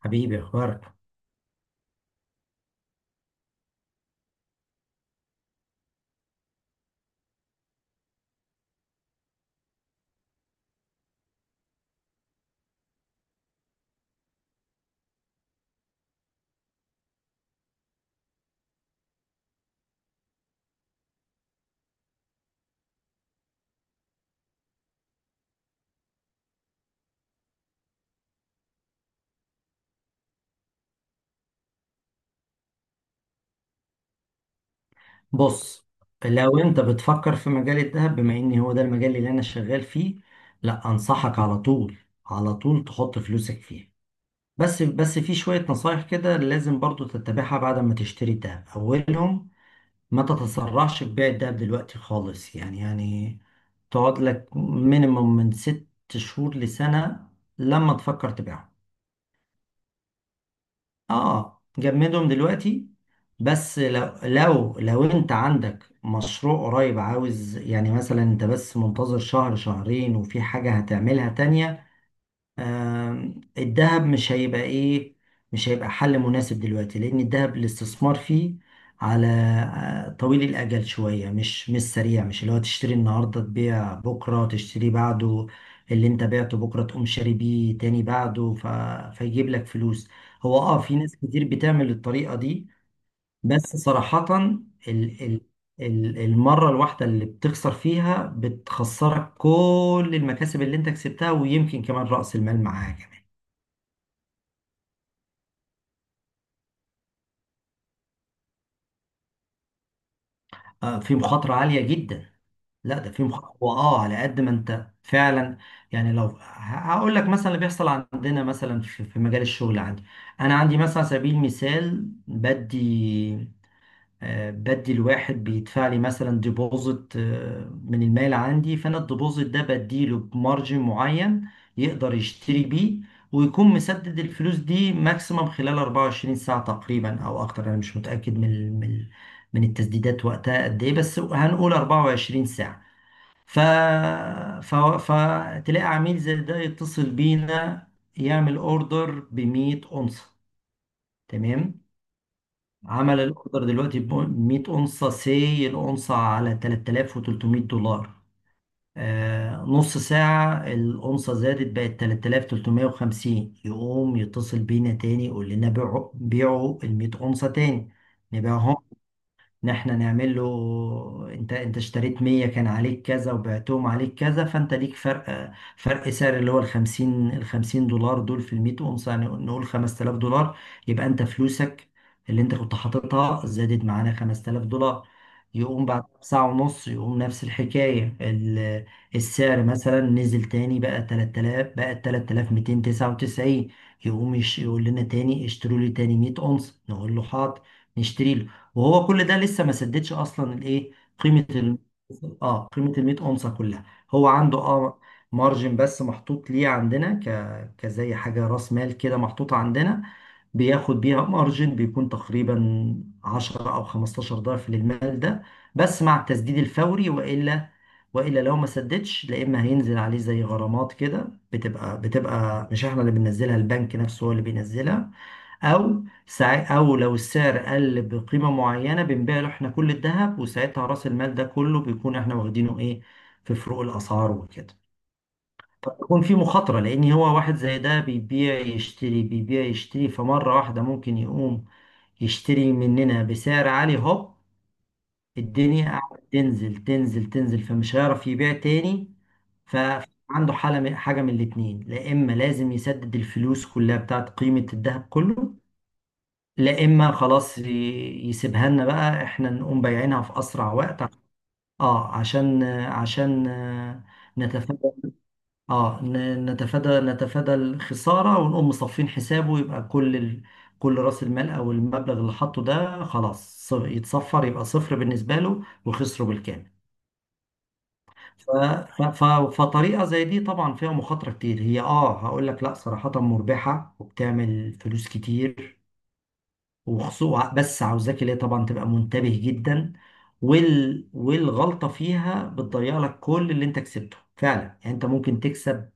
حبيبي، اخبارك؟ بص، لو انت بتفكر في مجال الذهب، بما ان هو ده المجال اللي انا شغال فيه، لا انصحك على طول. على طول تحط فلوسك فيه. بس في شوية نصايح كده لازم برضو تتبعها بعد ما تشتري الذهب. اولهم، ما تتسرعش في بيع الذهب دلوقتي خالص، يعني تقعد لك مينيموم من ست شهور لسنة لما تفكر تبيعه. اه، جمدهم دلوقتي. بس لو انت عندك مشروع قريب، عاوز يعني مثلا انت بس منتظر شهر شهرين وفي حاجة هتعملها تانية، الذهب مش هيبقى ايه، مش هيبقى حل مناسب دلوقتي. لان الذهب الاستثمار فيه على طويل الاجل شويه. مش سريع، مش اللي هو تشتري النهارده تبيع بكره تشتري بعده. اللي انت بعته بكره تقوم شاري بيه تاني بعده. فيجيب لك فلوس. هو اه، في ناس كتير بتعمل الطريقه دي. بس صراحة، ال ال ال المرة الواحدة اللي بتخسر فيها بتخسرك كل المكاسب اللي انت كسبتها، ويمكن كمان رأس المال معاها كمان. آه، في مخاطرة عالية جدا. لا ده في مخاطرة، واه، على قد ما انت فعلا. يعني لو هقول لك مثلا اللي بيحصل عندنا مثلا في مجال الشغل عندي. انا عندي مثلا على سبيل المثال بدي بدي، الواحد بيدفع لي مثلا ديبوزيت من المال عندي، فانا الديبوزيت ده بديله بمارجن معين يقدر يشتري بيه، ويكون مسدد الفلوس دي ماكسيمم خلال 24 ساعة تقريبا او اكتر. انا مش متأكد من من التسديدات وقتها قد ايه، بس هنقول 24 ساعة. ف... ف... فتلاقي عميل زي ده يتصل بينا يعمل اوردر ب 100 اونصة. تمام. عمل الاوردر دلوقتي ب 100 اونصه سي الاونصه على 3300 دولار. آه، نص ساعه الاونصه زادت بقت 3350، يقوم يتصل بينا تاني يقول لنا بيعوا بيعوا ال 100 اونصه تاني. نبيعهم، ان احنا نعمل له انت اشتريت 100 كان عليك كذا وبعتهم عليك كذا، فانت ليك فرق سعر اللي هو ال 50 ال 50 دولار دول في ال 100 اونصه، يعني نقول 5000 دولار. يبقى انت فلوسك اللي انت كنت حاططها زادت معانا 5000 دولار. يقوم بعد ساعة ونص يقوم نفس الحكاية السعر مثلا نزل تاني بقى 3000، بقى 3299. يقوم يقول لنا تاني اشتروا لي تاني 100 اونصه، نقول له حاضر، نشتري له. وهو كل ده لسه ما سددش اصلا الايه، قيمه ال... اه قيمه ال 100 اونصه كلها. هو عنده اه، مارجن بس محطوط ليه عندنا كزي حاجه راس مال كده محطوطه عندنا، بياخد بيها مارجن بيكون تقريبا 10 او 15 ضعف للمال ده. بس مع التسديد الفوري، والا لو ما سددش، لا اما هينزل عليه زي غرامات كده بتبقى مش احنا اللي بننزلها، البنك نفسه هو اللي بينزلها، او او لو السعر قل بقيمه معينه بنبيع له احنا كل الذهب، وساعتها راس المال ده كله بيكون احنا واخدينه ايه في فروق الاسعار وكده. فبيكون في مخاطره، لان هو واحد زي ده بيبيع يشتري بيبيع يشتري، فمره واحده ممكن يقوم يشتري مننا بسعر عالي، هوب الدنيا قاعدة تنزل تنزل تنزل، فمش هيعرف يبيع تاني. فعنده حالة حاجة من الاتنين، لا إما لازم يسدد الفلوس كلها بتاعت قيمة الذهب كله، لا اما خلاص يسيبها لنا بقى احنا نقوم بايعينها في اسرع وقت. اه، عشان نتفادى، اه نتفادى الخساره، ونقوم مصفين حسابه، يبقى كل راس المال او المبلغ اللي حاطه ده خلاص يتصفر، يبقى صفر بالنسبه له وخسره بالكامل. ف... ف... ف... فطريقه زي دي طبعا فيها مخاطره كتير. هي اه، هقول لك لا، صراحه مربحه وبتعمل فلوس كتير، وخصوصا بس عاوزاك اللي هي طبعا تبقى منتبه جدا. والغلطة فيها بتضيع لك كل اللي انت كسبته فعلا. يعني انت ممكن تكسب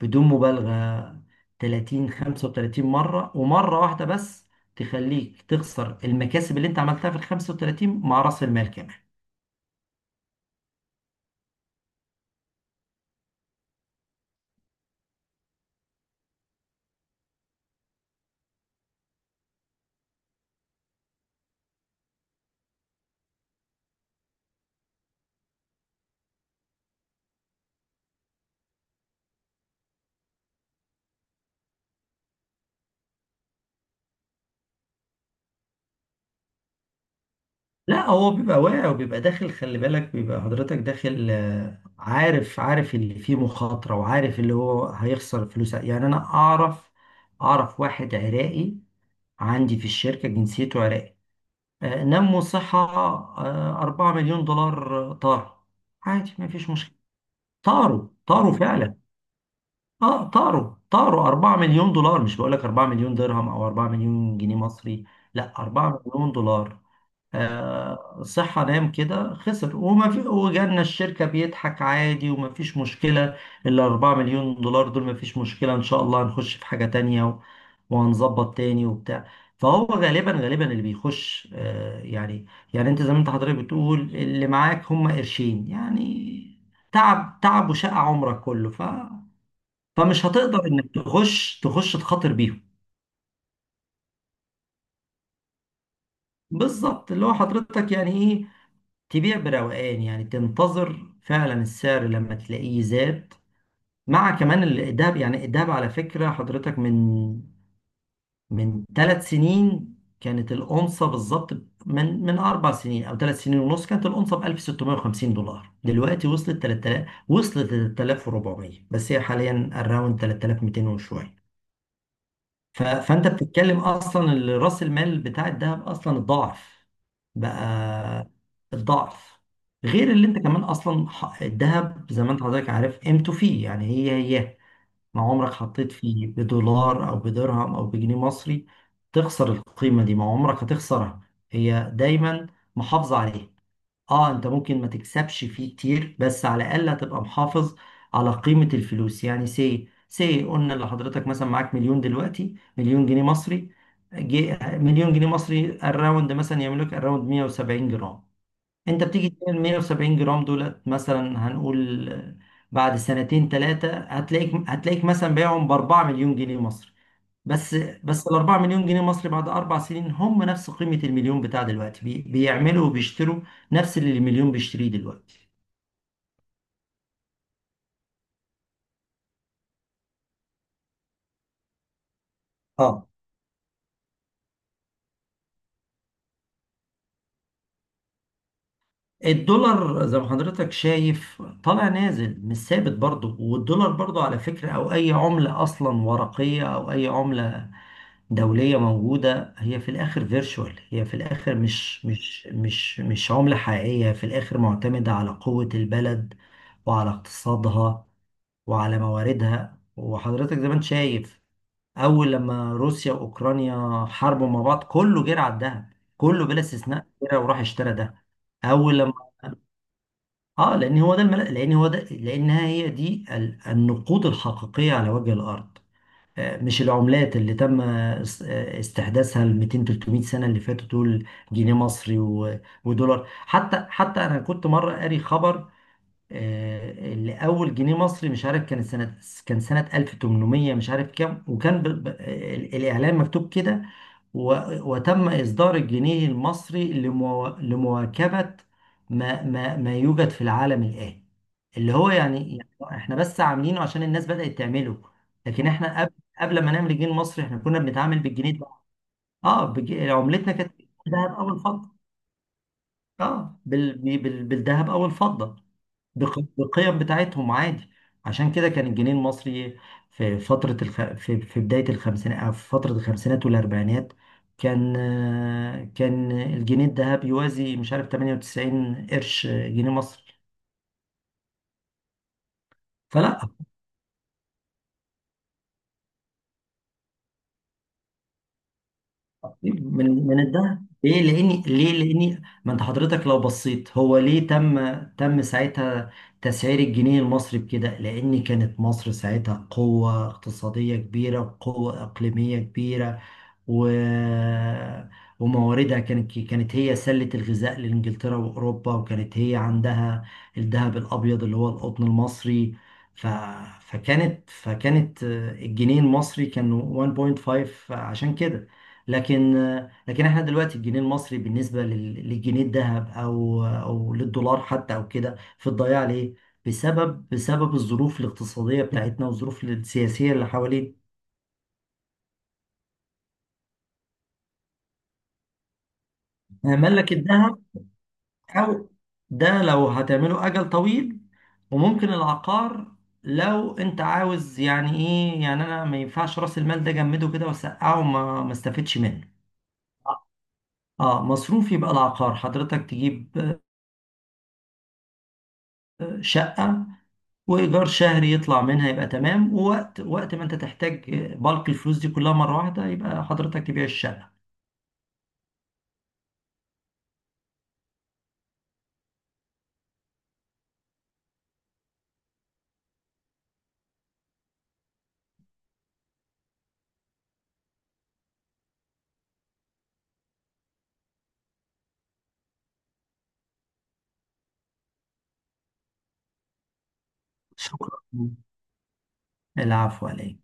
بدون مبالغة 30 35 مرة، ومرة واحدة بس تخليك تخسر المكاسب اللي انت عملتها في ال 35 مع رأس المال كمان. لا هو بيبقى واعي وبيبقى داخل، خلي بالك بيبقى حضرتك داخل عارف اللي فيه مخاطرة، وعارف اللي هو هيخسر فلوس. يعني انا اعرف، اعرف واحد عراقي عندي في الشركة جنسيته عراقي. نمو صحة. 4 مليون دولار طار. عادي، ما فيش مشكلة. طاروا فعلا. اه، طاروا طاروا 4 مليون دولار. مش بقول لك 4 مليون درهم او 4 مليون جنيه مصري، لا، 4 مليون دولار. صحة نام كده خسر وما في، وجالنا الشركة بيضحك عادي وما فيش مشكلة. الأربعة مليون دولار دول ما فيش مشكلة، إن شاء الله هنخش في حاجة تانية وهنظبط تاني وبتاع. فهو غالبا اللي بيخش يعني أنت زي ما أنت حضرتك بتقول، اللي معاك هم قرشين يعني. تعب تعب وشقى عمرك كله، فمش هتقدر إنك تخش تخاطر بيهم. بالظبط، اللي هو حضرتك يعني تبيع بروقان، يعني تنتظر فعلا السعر لما تلاقيه زاد. مع كمان الدهب، يعني الدهب على فكرة حضرتك من ثلاث سنين كانت الأونصة بالظبط. من أربع سنين أو ثلاث سنين ونص كانت الأونصة ب 1650 دولار، دلوقتي وصلت 3000، وصلت 3400، بس هي حاليا الراوند 3200 وشوية. فانت بتتكلم اصلا راس المال بتاع الذهب اصلا الضعف بقى، الضعف. غير اللي انت كمان اصلا الذهب زي ما انت حضرتك عارف قيمته فيه يعني، هي ما عمرك حطيت فيه بدولار او بدرهم او بجنيه مصري تخسر القيمة دي، ما عمرك هتخسرها. هي دايما محافظة عليها. اه، انت ممكن ما تكسبش فيه كتير، بس على الاقل هتبقى محافظ على قيمة الفلوس. يعني سي سي قلنا لحضرتك مثلا معاك مليون دلوقتي، مليون جنيه مصري، جي مليون جنيه مصري الراوند مثلا يعمل لك الراوند 170 جرام. انت بتيجي تعمل 170 جرام دولت مثلا هنقول بعد سنتين ثلاثة هتلاقيك، مثلا بايعهم ب 4 مليون جنيه مصري. بس بس ال 4 مليون جنيه مصري بعد اربع سنين هم نفس قيمة المليون بتاع دلوقتي، بيعملوا وبيشتروا نفس اللي المليون بيشتريه دلوقتي. اه، الدولار زي ما حضرتك شايف طالع نازل مش ثابت برضه. والدولار برضه على فكرة، أو أي عملة أصلا ورقية أو أي عملة دولية موجودة، هي في الآخر فيرتشوال، هي في الآخر مش عملة حقيقية في الآخر، معتمدة على قوة البلد، وعلى اقتصادها، وعلى مواردها. وحضرتك زي ما انت شايف، اول لما روسيا واوكرانيا حاربوا مع بعض كله جرى على الذهب، كله بلا استثناء جرى وراح اشترى ده. اول لما اه لان هو ده لانها هي دي النقود الحقيقيه على وجه الارض. مش العملات اللي تم استحداثها ال 200 300 سنه اللي فاتوا دول. جنيه مصري ودولار. حتى انا كنت مره قاري خبر، اللي اول جنيه مصري مش عارف كان سنه، كان سنه 1800 مش عارف كام. وكان الاعلان مكتوب كده، و... وتم اصدار الجنيه المصري لمواكبه ما يوجد في العالم الان، اللي هو يعني احنا بس عاملينه عشان الناس بدات تعمله. لكن احنا قبل ما نعمل الجنيه المصري احنا كنا بنتعامل بالجنيه ده. اه، عملتنا كانت بالذهب او الفضه. اه، بالذهب او الفضه، بالقيم بتاعتهم عادي. عشان كده كان الجنيه المصري في فترة في بداية الخمسينات أو في فترة الخمسينات والأربعينات كان كان الجنيه الذهب يوازي مش عارف 98 قرش جنيه مصري فلا من الذهب. ليه؟ لاني، ما انت حضرتك لو بصيت هو ليه تم ساعتها تسعير الجنيه المصري بكده، لان كانت مصر ساعتها قوة اقتصادية كبيرة، قوة اقليمية كبيرة، و... ومواردها كانت هي سلة الغذاء لإنجلترا وأوروبا، وكانت هي عندها الذهب الأبيض اللي هو القطن المصري. ف... فكانت فكانت الجنيه المصري كان 1.5 عشان كده. لكن لكن احنا دلوقتي الجنيه المصري بالنسبة للجنيه الذهب أو للدولار حتى أو كده في الضياع، ليه؟ بسبب الظروف الاقتصادية بتاعتنا والظروف السياسية اللي حوالينا. ملك الذهب، أو ده لو هتعمله أجل طويل. وممكن العقار لو أنت عاوز يعني إيه، يعني أنا ما ينفعش رأس المال ده جمده كده وسقعه وما ما استفدش منه. اه مصروف، يبقى العقار حضرتك تجيب شقة، وإيجار شهري يطلع منها يبقى تمام. ووقت ما أنت تحتاج بالك الفلوس دي كلها مرة واحدة يبقى حضرتك تبيع الشقة. شكرا. العفو عليك. مع